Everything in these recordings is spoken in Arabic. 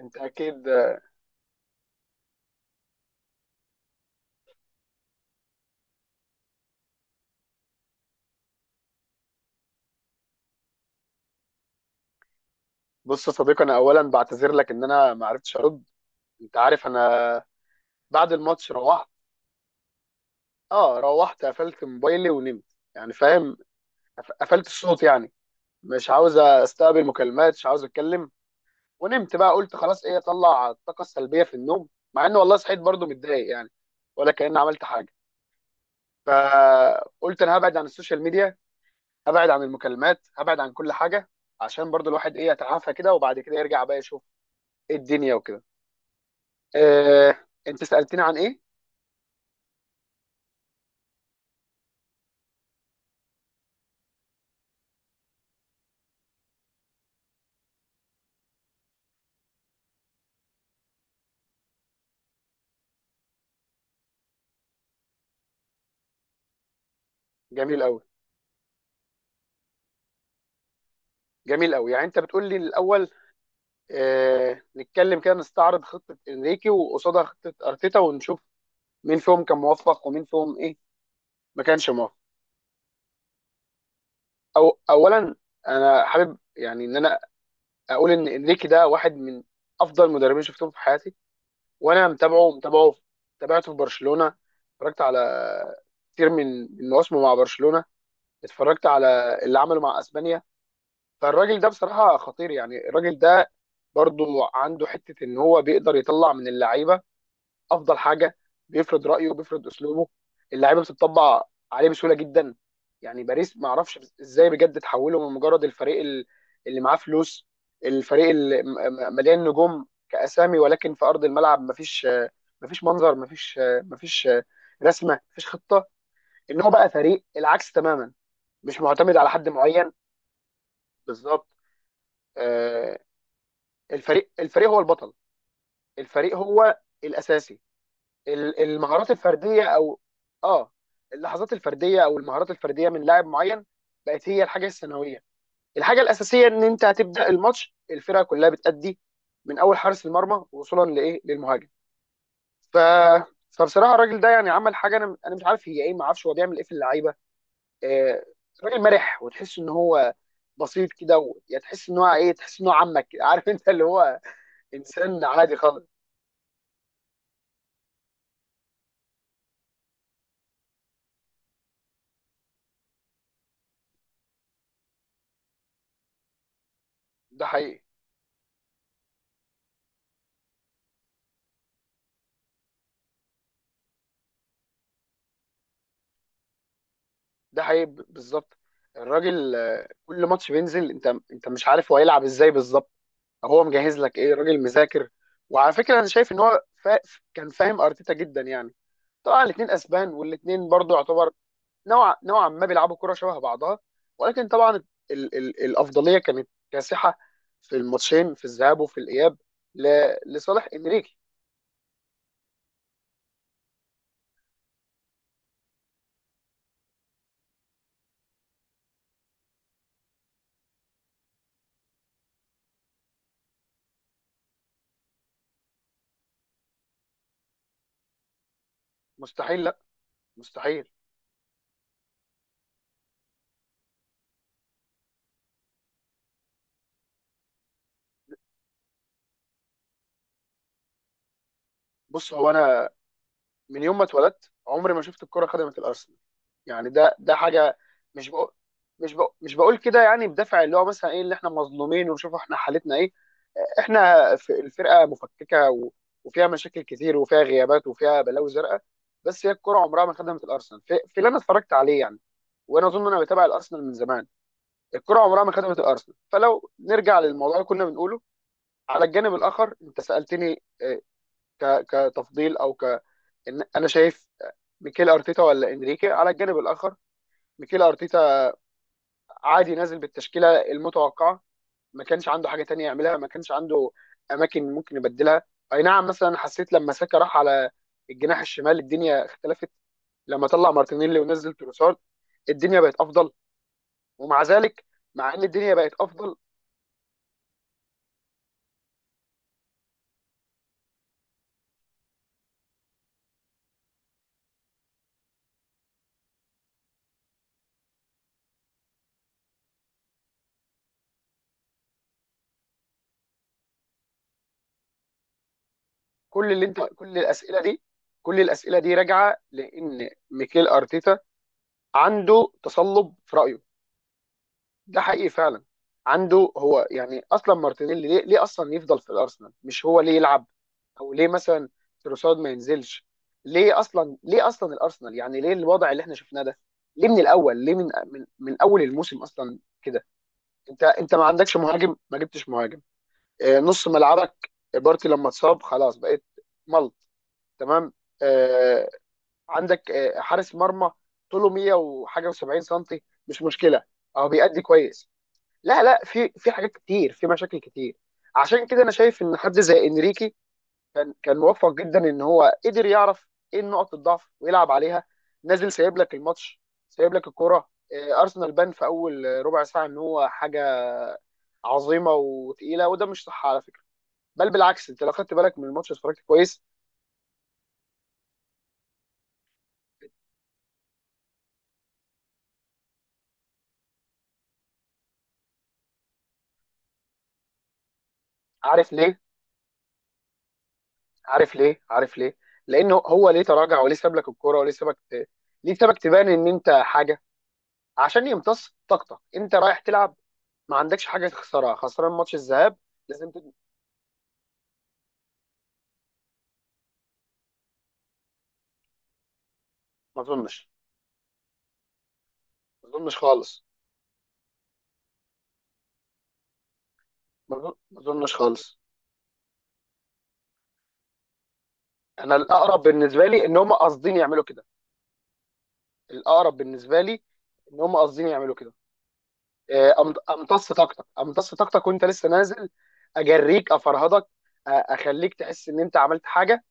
انت اكيد. بص يا صديقي، انا اولا بعتذر لك ان انا ما عرفتش ارد. انت عارف انا... بعد الماتش روحت... اه، روحت قفلت موبايلي ونمت، يعني فاهم. قفلت الصوت، يعني مش عاوز استقبل مكالمات، مش عاوز اتكلم. ونمت بقى، قلت خلاص ايه، اطلع الطاقه السلبيه في النوم، مع اني والله صحيت برضو متضايق، يعني ولا كأني عملت حاجه. فقلت انا هبعد عن السوشيال ميديا، هبعد عن المكالمات، هبعد عن كل حاجه، عشان برضو الواحد ايه، يتعافى كده وبعد كده يرجع بقى يشوف إيه الدنيا وكده. آه، انت سألتني عن ايه؟ جميل قوي، جميل قوي. يعني انت بتقول لي الاول نتكلم كده، نستعرض خطة انريكي وقصادها خطة ارتيتا، ونشوف مين فيهم كان موفق ومين فيهم ايه ما كانش موفق. او اولا، انا حابب يعني ان انا اقول ان انريكي ده واحد من افضل مدربين شفتهم في حياتي. وانا متابعه متابعه، تابعته في برشلونة، اتفرجت على كتير من مواسمه مع برشلونة، اتفرجت على اللي عمله مع اسبانيا. فالراجل ده بصراحة خطير، يعني الراجل ده برضو عنده حته ان هو بيقدر يطلع من اللعيبه افضل حاجه، بيفرض رايه وبيفرض اسلوبه، اللعيبه بتطبع عليه بسهوله جدا. يعني باريس ما اعرفش ازاي بجد تحوله من مجرد الفريق اللي معاه فلوس، الفريق اللي مليان نجوم كاسامي، ولكن في ارض الملعب مفيش، مفيش منظر، مفيش رسمه، مفيش خطه. ان هو بقى فريق العكس تماما، مش معتمد على حد معين. بالظبط. آه، الفريق، الفريق هو البطل. الفريق هو الاساسي. المهارات الفرديه او اه، اللحظات الفرديه او المهارات الفرديه من لاعب معين، بقت هي الحاجه الثانويه. الحاجه الاساسيه ان انت هتبدا الماتش الفرقه كلها بتأدي، من اول حارس المرمى وصولا لايه، للمهاجم. ف، فبصراحه الراجل ده يعني عمل حاجه، انا مش عارف هي ايه، ما اعرفش هو بيعمل ايه في اللعيبه. آه، راجل مرح، وتحس ان هو بسيط كده و... يعني تحس ان هو ايه، تحس ان هو عمك، عارف انت اللي هو انسان عادي خالص. ده حقيقي، ده حقيقي، بالظبط. الراجل كل ماتش بينزل، انت مش عارف هو هيلعب ازاي بالظبط، هو مجهز لك ايه، راجل مذاكر. وعلى فكره انا شايف ان هو كان فاهم ارتيتا جدا، يعني طبعا الاثنين اسبان والاثنين برضو يعتبر نوع، نوعا ما بيلعبوا كره شبه بعضها، ولكن طبعا الافضليه كانت كاسحه في الماتشين، في الذهاب وفي الاياب، ل... لصالح انريكي. مستحيل، لا. مستحيل. بص هو انا من يوم ما اتولدت عمري ما شفت الكره خدمه الارسنال، يعني ده حاجه... مش بقول مش بقول كده يعني بدافع اللي هو مثلا ايه، اللي احنا مظلومين وشوفوا احنا حالتنا ايه. احنا في الفرقه مفككه و... وفيها مشاكل كتير وفيها غيابات وفيها بلاوي زرقاء، بس هي الكره عمرها ما خدمت الارسنال في اللي انا اتفرجت عليه يعني. وانا اظن انا بتابع الارسنال من زمان، الكره عمرها ما خدمت الارسنال. فلو نرجع للموضوع اللي كنا بنقوله، على الجانب الاخر انت سالتني كتفضيل او إن انا شايف ميكيل ارتيتا ولا انريكي. على الجانب الاخر، ميكيل ارتيتا عادي نازل بالتشكيله المتوقعه، ما كانش عنده حاجه تانية يعملها، ما كانش عنده اماكن ممكن يبدلها. اي نعم، مثلا حسيت لما ساكا راح على الجناح الشمال الدنيا اختلفت، لما طلع مارتينيلي ونزل تروسارد الدنيا بقت افضل. ومع ذلك، مع ان الدنيا بقت افضل... كل اللي انت كل الاسئله دي، كل الاسئله دي راجعه لان ميكيل ارتيتا عنده تصلب في رايه، ده حقيقي فعلا. عنده هو يعني اصلا مارتينيلي ليه اصلا يفضل في الارسنال؟ مش هو ليه يلعب؟ او ليه مثلا تروسارد ما ينزلش؟ ليه اصلا، ليه اصلا الارسنال يعني ليه الوضع اللي احنا شفناه ده؟ ليه من الاول؟ ليه من من اول الموسم اصلا كده؟ انت ما عندكش مهاجم، ما جبتش مهاجم. نص ملعبك بارتي لما اتصاب خلاص بقيت ملط. تمام. آه، عندك حارس مرمى طوله 100 وحاجه و70 سم، مش مشكله، اهو بيأدي كويس. لا لا، في حاجات كتير، في مشاكل كتير. عشان كده انا شايف ان حد زي انريكي كان موفق جدا، ان هو قدر يعرف ايه نقط الضعف ويلعب عليها. نازل سايب لك الماتش، سايب لك الكرة. ارسنال بان في اول ربع ساعة ان هو حاجة عظيمة وتقيلة، وده مش صح على فكرة، بل بالعكس. انت لو خدت بالك من الماتش، اتفرجت كويس، عارف ليه؟ عارف ليه؟ عارف ليه؟ لانه هو ليه تراجع وليه ساب لك الكرة وليه ليه سابك تبان ان انت حاجة؟ عشان يمتص طاقتك. انت رايح تلعب، ما عندكش حاجه تخسرها، خسران ماتش الذهاب، لازم ما اظنش ما اظنش خالص، ما اظنش خالص. انا الاقرب بالنسبه لي ان هم قاصدين يعملوا كده، الاقرب بالنسبه لي ان هم قاصدين يعملوا كده. امتص طاقتك، امتص طاقتك وانت لسه نازل، اجريك، افرهدك، اخليك تحس ان انت عملت حاجه.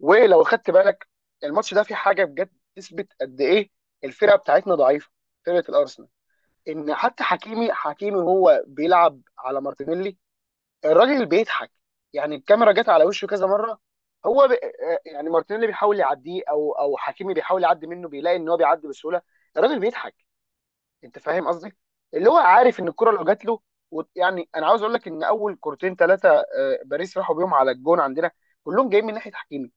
ولو خدت بالك، الماتش ده فيه حاجه بجد تثبت قد ايه الفرقه بتاعتنا ضعيفه، فرقه الارسنال، ان حتى حكيمي، حكيمي وهو بيلعب على مارتينيلي الراجل بيضحك، يعني الكاميرا جت على وشه كذا مره. هو يعني مارتينيلي بيحاول يعديه، او حكيمي بيحاول يعدي منه، بيلاقي ان هو بيعدي بسهوله، الراجل بيضحك. انت فاهم قصدي؟ اللي هو عارف ان الكره لو جات له و... يعني انا عاوز اقول لك ان اول كورتين ثلاثه باريس راحوا بيهم على الجون عندنا، كلهم جايين من ناحيه حكيمي،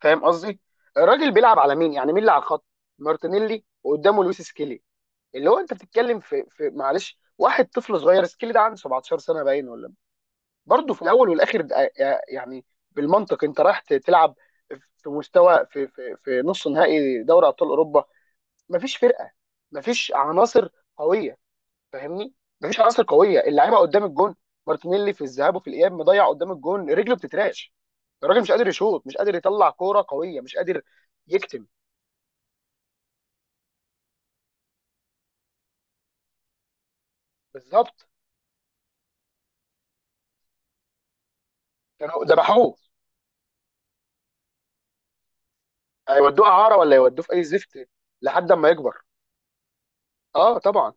فاهم قصدي. الراجل بيلعب على مين، يعني مين اللي على الخط؟ مارتينيلي، وقدامه لويس سكيلي، اللي هو انت بتتكلم في معلش واحد طفل صغير، سكيلي ده عنده 17 سنه باين ولا. برضه في الاول والاخر يعني بالمنطق انت رايح تلعب في مستوى، في نص نهائي دوري ابطال اوروبا، مفيش فرقه، مفيش عناصر قويه، فاهمني؟ مفيش عناصر قويه اللعيبه قدام الجون، مارتينيلي في الذهاب وفي الاياب مضيع قدام الجون، رجله بتتراش، الراجل مش قادر يشوط، مش قادر يطلع كوره قويه، مش قادر يكتم. بالظبط، كانوا ذبحوه، هيودوه اعاره ولا يودوه في اي زفت لحد اما يكبر. اه طبعا.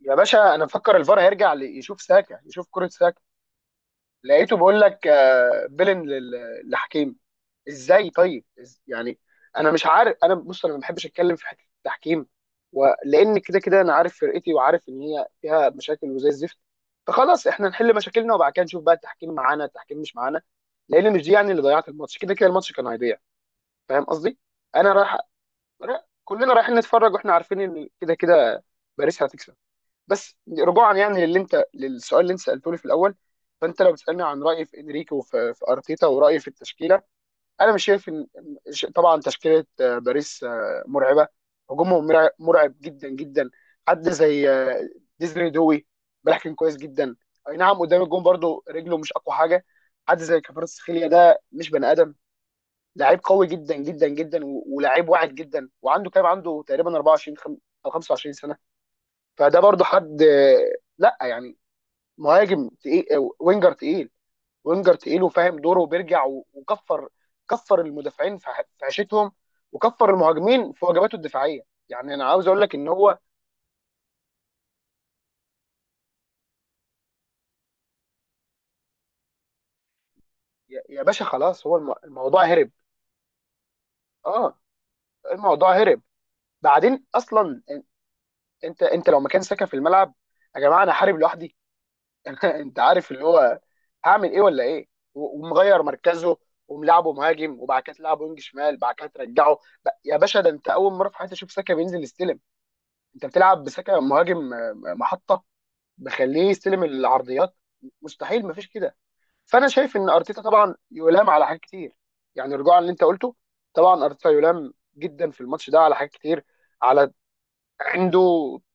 يا باشا، انا مفكر الفار هيرجع، يشوف ساكا يشوف كره ساكا، لقيته بيقول لك بيلن لحكيم. ازاي طيب؟ يعني انا مش عارف. انا بص انا ما بحبش اتكلم في حته التحكيم، ولان كده كده انا عارف فرقتي وعارف ان هي فيها مشاكل وزي الزفت، فخلاص احنا نحل مشاكلنا وبعد كده نشوف بقى التحكيم معانا التحكيم مش معانا. لان مش دي يعني اللي ضيعت الماتش، كده كده الماتش كان هيضيع، فاهم قصدي؟ انا رايح، كلنا رايحين نتفرج واحنا عارفين ان كده كده باريس هتكسب. بس رجوعا يعني للي انت، للسؤال اللي انت سالته لي في الاول، فانت لو بتسالني عن رايي في انريكي وفي، في ارتيتا ورايي في التشكيله، انا مش شايف ان طبعا تشكيله باريس مرعبه، هجومهم مرعب جدا جدا. حد زي ديزني دوي بيحكم كويس جدا، اي نعم قدام الجون برضو رجله مش اقوى حاجه. حد زي كفاراتسخيليا ده مش بني ادم، لعيب قوي جدا جدا جدا، ولاعيب واعد جدا، وعنده كام، عنده تقريبا 24 او 25 سنه، فده برضو حد لا يعني مهاجم تقيل، وينجر تقيل، وينجر تقيل وفاهم دوره وبيرجع وكفر، كفر المدافعين في عيشتهم، وكفر المهاجمين في واجباته الدفاعيه. يعني انا عاوز اقول لك ان هو... يا باشا خلاص، هو الموضوع هرب. اه، الموضوع هرب. بعدين اصلا انت لو مكان ساكا في الملعب يا جماعه، انا حارب لوحدي. انت عارف اللي هو هعمل ايه ولا ايه؟ ومغير مركزه، وملعبه مهاجم، وبعد كده تلعبه وينج شمال، بعد كده ترجعه. يا باشا، ده انت اول مره في حياتي اشوف ساكا بينزل يستلم، انت بتلعب بسكه مهاجم، محطه بخليه يستلم العرضيات، مستحيل، مفيش كده. فانا شايف ان ارتيتا طبعا يلام على حاجات كتير. يعني رجوعا اللي انت قلته، طبعا ارتيتا يلام جدا في الماتش ده على حاجات كتير، على عنده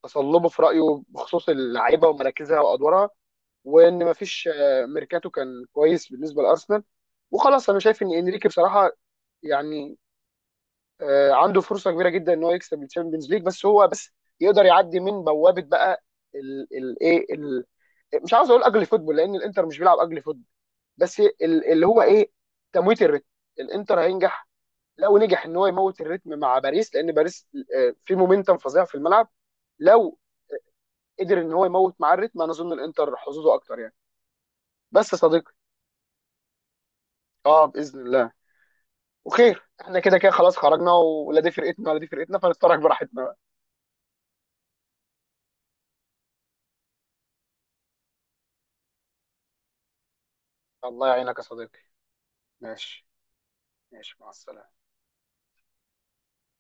تصلبه في رايه بخصوص اللعيبه ومراكزها وادوارها، وان مفيش ميركاتو كان كويس بالنسبه لارسنال. وخلاص انا شايف ان انريكي بصراحه يعني عنده فرصه كبيره جدا ان هو يكسب الشامبيونز ليج، بس هو بس يقدر يعدي من بوابه بقى الايه، مش عاوز اقول اجلي فوتبول لان الانتر مش بيلعب اجلي فوتبول، بس اللي هو ايه، تمويت الريتم. الانتر هينجح لو نجح ان هو يموت الريتم مع باريس، لان باريس في مومنتم فظيع في الملعب. لو قدر ان هو يموت مع الريتم انا اظن الانتر حظوظه اكتر يعني. بس يا صديقي، اه باذن الله. وخير، احنا كده كده خلاص خرجنا، ولا دي فرقتنا ولا دي فرقتنا، فنتفرج براحتنا بقى. الله يعينك يا صديقي. ماشي. ماشي مع السلامة.